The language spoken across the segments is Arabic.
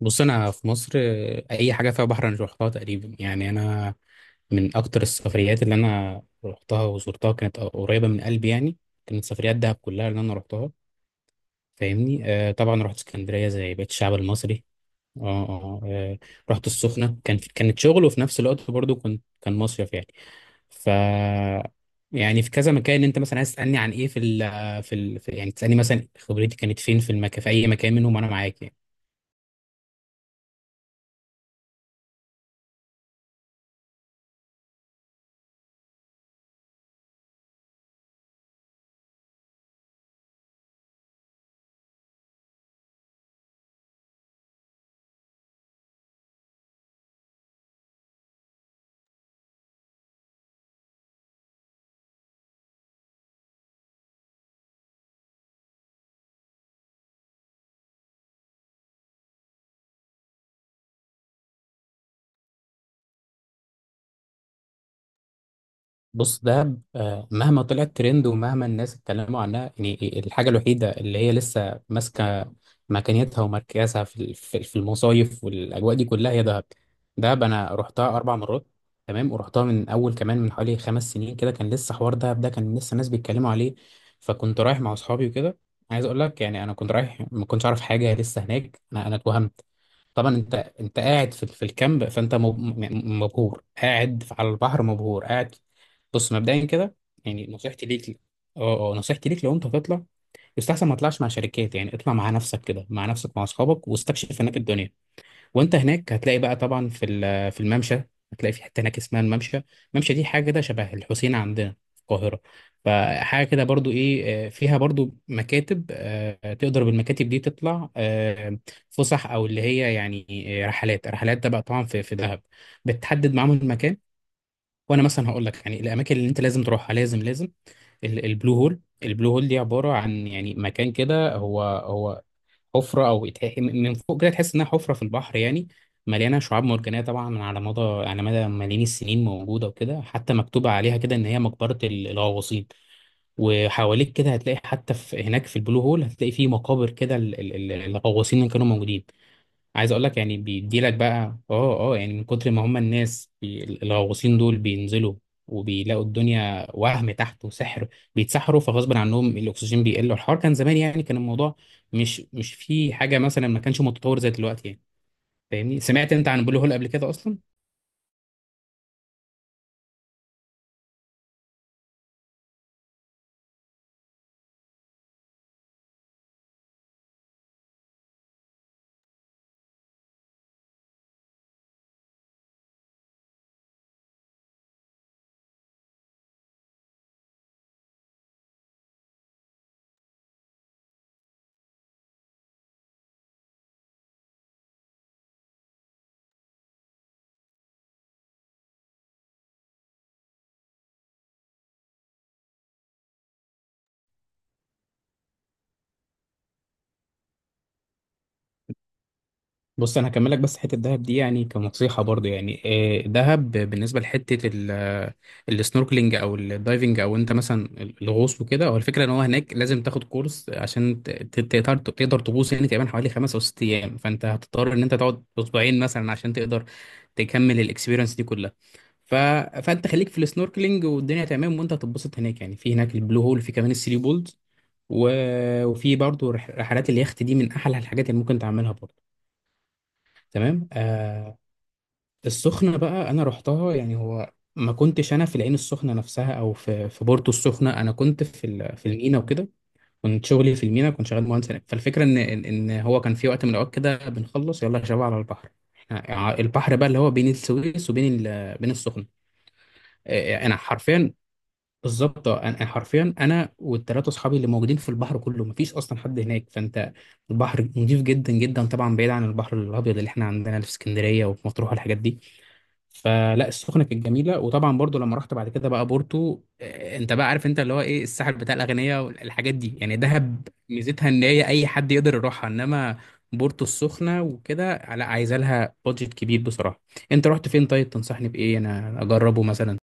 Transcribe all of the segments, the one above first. بص انا في مصر اي حاجه فيها بحر انا روحتها تقريبا يعني انا من اكتر السفريات اللي انا روحتها وزرتها كانت قريبه من قلبي يعني. كانت سفريات دهب كلها اللي انا روحتها. فاهمني؟ آه طبعا رحت اسكندريه زي بقية الشعب المصري. اه. اه آه، رحت السخنه كانت شغل وفي نفس الوقت برضو كان مصيف يعني. ف يعني في كذا مكان انت مثلا عايز تسالني عن ايه في يعني تسالني مثلا خبرتي كانت فين في المكان في اي مكان منهم، انا معاك يعني. بص دهب مهما طلعت ترند ومهما الناس اتكلموا عنها، يعني الحاجة الوحيدة اللي هي لسه ماسكة مكانتها ومركزها في ال- في في المصايف والأجواء دي كلها هي دهب. دهب أنا رحتها أربع مرات. تمام. ورحتها من أول كمان من حوالي خمس سنين كده. كان لسه حوار دهب ده، كان لسه الناس بيتكلموا عليه. فكنت رايح مع أصحابي وكده. عايز أقول لك يعني أنا كنت رايح ما كنتش أعرف حاجة لسه هناك. أنا اتوهمت. طبعا انت قاعد في الكامب، فانت مبهور قاعد على البحر، مبهور قاعد. بص مبدئيا كده، يعني نصيحتي ليك، اه نصيحتي ليك لو انت هتطلع، يستحسن ما تطلعش مع شركات. يعني اطلع مع نفسك كده، مع نفسك مع اصحابك، واستكشف هناك الدنيا. وانت هناك هتلاقي بقى طبعا في الممشى. هتلاقي في حته هناك اسمها الممشى. الممشى دي حاجه كده شبه الحسين عندنا في القاهره. فحاجه كده برضو ايه فيها برضو مكاتب، تقدر بالمكاتب دي تطلع فسح، او اللي هي يعني رحلات. ده بقى طبعا في دهب. بتحدد معاهم المكان. وانا مثلا هقول لك يعني الاماكن اللي انت لازم تروحها، لازم البلو هول. البلو هول دي عبارة عن يعني مكان كده، هو حفرة، أو من فوق كده تحس إنها حفرة في البحر يعني، مليانة شعاب مرجانية طبعا، على مدى ملايين السنين موجودة وكده. حتى مكتوبة عليها كده إن هي مقبرة الغواصين. وحواليك كده هتلاقي، حتى في هناك في البلو هول هتلاقي فيه مقابر كده الغواصين اللي كانوا موجودين. عايز اقول لك يعني، بيديلك بقى يعني من كتر ما هم الناس الغواصين دول بينزلوا وبيلاقوا الدنيا وهم تحت، وسحر فغصب عنهم الاكسجين بيقل. الحوار كان زمان يعني، كان الموضوع مش مش في حاجه مثلا ما كانش متطور زي دلوقتي يعني. فاهمني؟ سمعت انت عن بلو هول قبل كده اصلا؟ بص انا هكمل لك بس حته الدهب دي يعني كنصيحه برضو يعني. دهب بالنسبه لحته السنوركلينج او الدايفنج، او انت مثلا الغوص وكده، هو الفكره ان هو هناك لازم تاخد كورس عشان تقدر تغوص. يعني تقريبا حوالي خمس او ست ايام، فانت هتضطر ان انت تقعد اسبوعين مثلا عشان تقدر تكمل الاكسبيرينس دي كلها. ف... فانت خليك في السنوركلينج والدنيا تمام، وانت هتتبسط هناك يعني. في هناك البلو هول، في كمان الثري بولز، و... وفي برضو رحلات اليخت دي من احلى الحاجات اللي ممكن تعملها برضو. تمام. آه. السخنة بقى أنا رحتها، يعني هو ما كنتش أنا في العين السخنة نفسها، أو في في بورتو السخنة. أنا كنت في المينا وكده. كنت شغلي في المينا، كنت شغال مهندس هناك. فالفكرة إن هو كان في وقت من الأوقات كده بنخلص يلا يا شباب على البحر. البحر بقى اللي هو بين السويس وبين بين السخنة. أنا حرفيا بالظبط. اه. أنا حرفيا، انا والثلاثه اصحابي اللي موجودين في البحر كله، مفيش اصلا حد هناك. فانت البحر نضيف جدا جدا، طبعا بعيد عن البحر الابيض اللي احنا عندنا في اسكندريه وفي مطروح والحاجات دي. فلا السخنه كانت جميله. وطبعا برضو لما رحت بعد كده بقى بورتو، انت بقى عارف انت اللي هو ايه، الساحل بتاع الاغنياء والحاجات دي. يعني دهب ميزتها ان هي اي حد يقدر يروحها، انما بورتو السخنه وكده لا، عايزه لها بادجت كبير بصراحه. انت رحت فين؟ طيب تنصحني بايه انا اجربه مثلا؟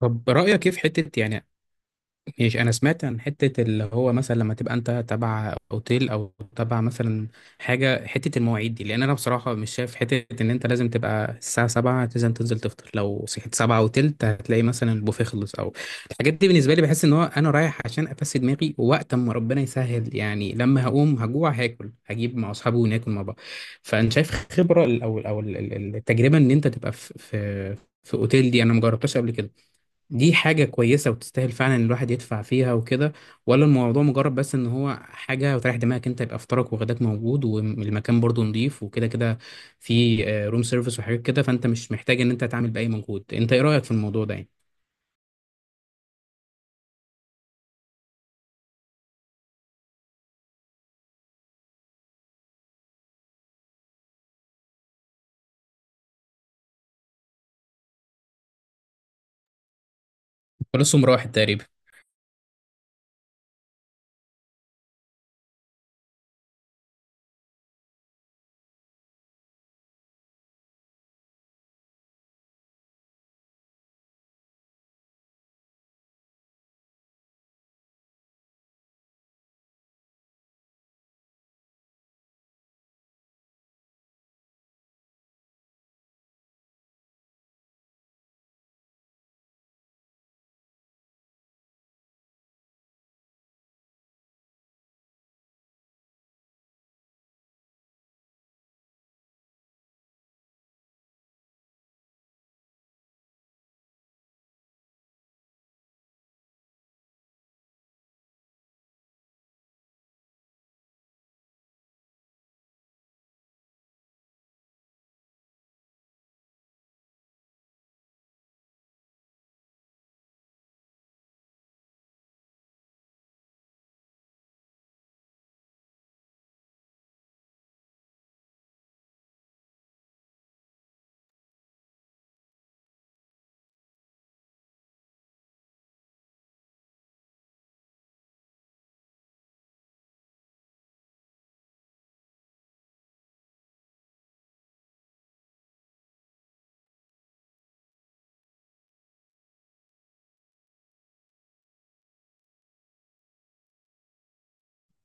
طب رايك ايه في حته يعني؟ ماشي. انا سمعت عن حته اللي هو مثلا لما تبقى انت تبع اوتيل، او تبع مثلا حاجه، حته المواعيد دي. لان انا بصراحه مش شايف حته ان انت لازم تبقى الساعه 7 لازم تنزل تفطر. لو صحيت 7 وتلت هتلاقي مثلا البوفيه خلص، او الحاجات دي، بالنسبه لي بحس ان هو انا رايح عشان افسد دماغي ووقت اما ربنا يسهل. يعني لما هقوم هجوع هاكل، هجيب مع اصحابي وناكل مع بعض. فانا شايف خبره او التجربه ان انت تبقى في اوتيل، دي انا مجربتهاش قبل كده. دي حاجة كويسة وتستاهل فعلا إن الواحد يدفع فيها وكده؟ ولا الموضوع مجرد بس ان هو حاجة وتريح دماغك انت، يبقى فطارك وغداك موجود، والمكان برضو نضيف وكده كده، في روم سيرفيس وحاجات كده، فانت مش محتاج ان انت تعمل بأي مجهود؟ انت ايه رأيك في الموضوع ده يعني؟ خلاص راحت تقريبا.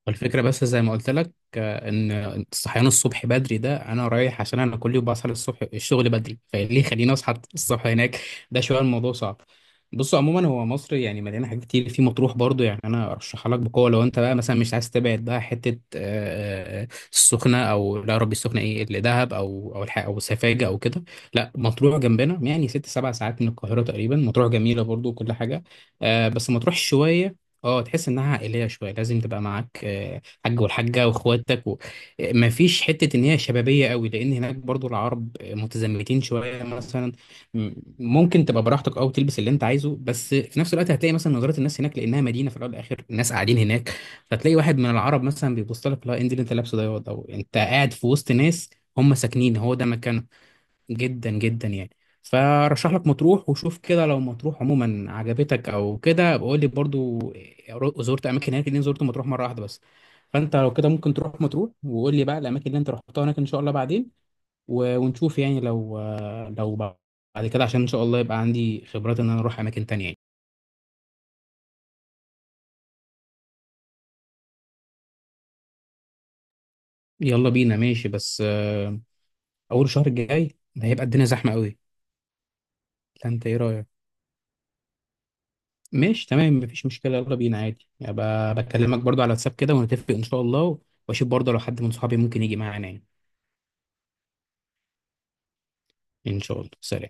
والفكرة بس زي ما قلت لك ان الصحيان الصبح بدري ده، انا رايح عشان انا كل يوم بصحى الصبح الشغل بدري، فليه خليني اصحى الصبح هناك؟ ده شوية الموضوع صعب. بصوا عموما هو مصر يعني مليانة حاجات كتير. في مطروح برضو، يعني انا ارشحها لك بقوة لو انت بقى مثلا مش عايز تبعد بقى حتة السخنة، او لا يا ربي السخنة ايه اللي، دهب او او سفاجة او كده. لا، مطروح جنبنا يعني ست سبع ساعات من القاهرة تقريبا. مطروح جميلة برضو وكل حاجة، بس مطروح شوية، اه، تحس انها عائليه شويه. لازم تبقى معاك حاج والحاجه واخواتك ما فيش حته ان هي شبابيه قوي، لان هناك برضو العرب متزمتين شويه مثلا. م- ممكن تبقى براحتك او تلبس اللي انت عايزه، بس في نفس الوقت هتلاقي مثلا نظره الناس هناك، لانها مدينه في الاول والاخر، الناس قاعدين هناك. فتلاقي واحد من العرب مثلا بيبص لك، لا إيه اللي انت لابسه ده ياض؟ او انت قاعد في وسط ناس هم ساكنين، هو ده مكانهم جدا جدا يعني. فرشح لك مطروح وشوف كده. لو مطروح عموما عجبتك او كده، بقول لي برضو زرت اماكن هناك، لان زرت مطروح مره واحده بس. فانت لو كده ممكن تروح مطروح وقول لي بقى الاماكن اللي انت رحتها هناك ان شاء الله بعدين، ونشوف يعني لو لو بعد كده، عشان ان شاء الله يبقى عندي خبرات ان انا اروح اماكن تانية يعني. يلا بينا ماشي، بس اول الشهر الجاي هيبقى الدنيا زحمه قوي. فانت ايه رايك؟ ماشي تمام، مفيش مشكلة، يلا بينا عادي يعني. بكلمك برضو على واتساب كده ونتفق إن شاء الله، وأشوف برضو لو حد من صحابي ممكن يجي معانا يعني. إن شاء الله، سلام.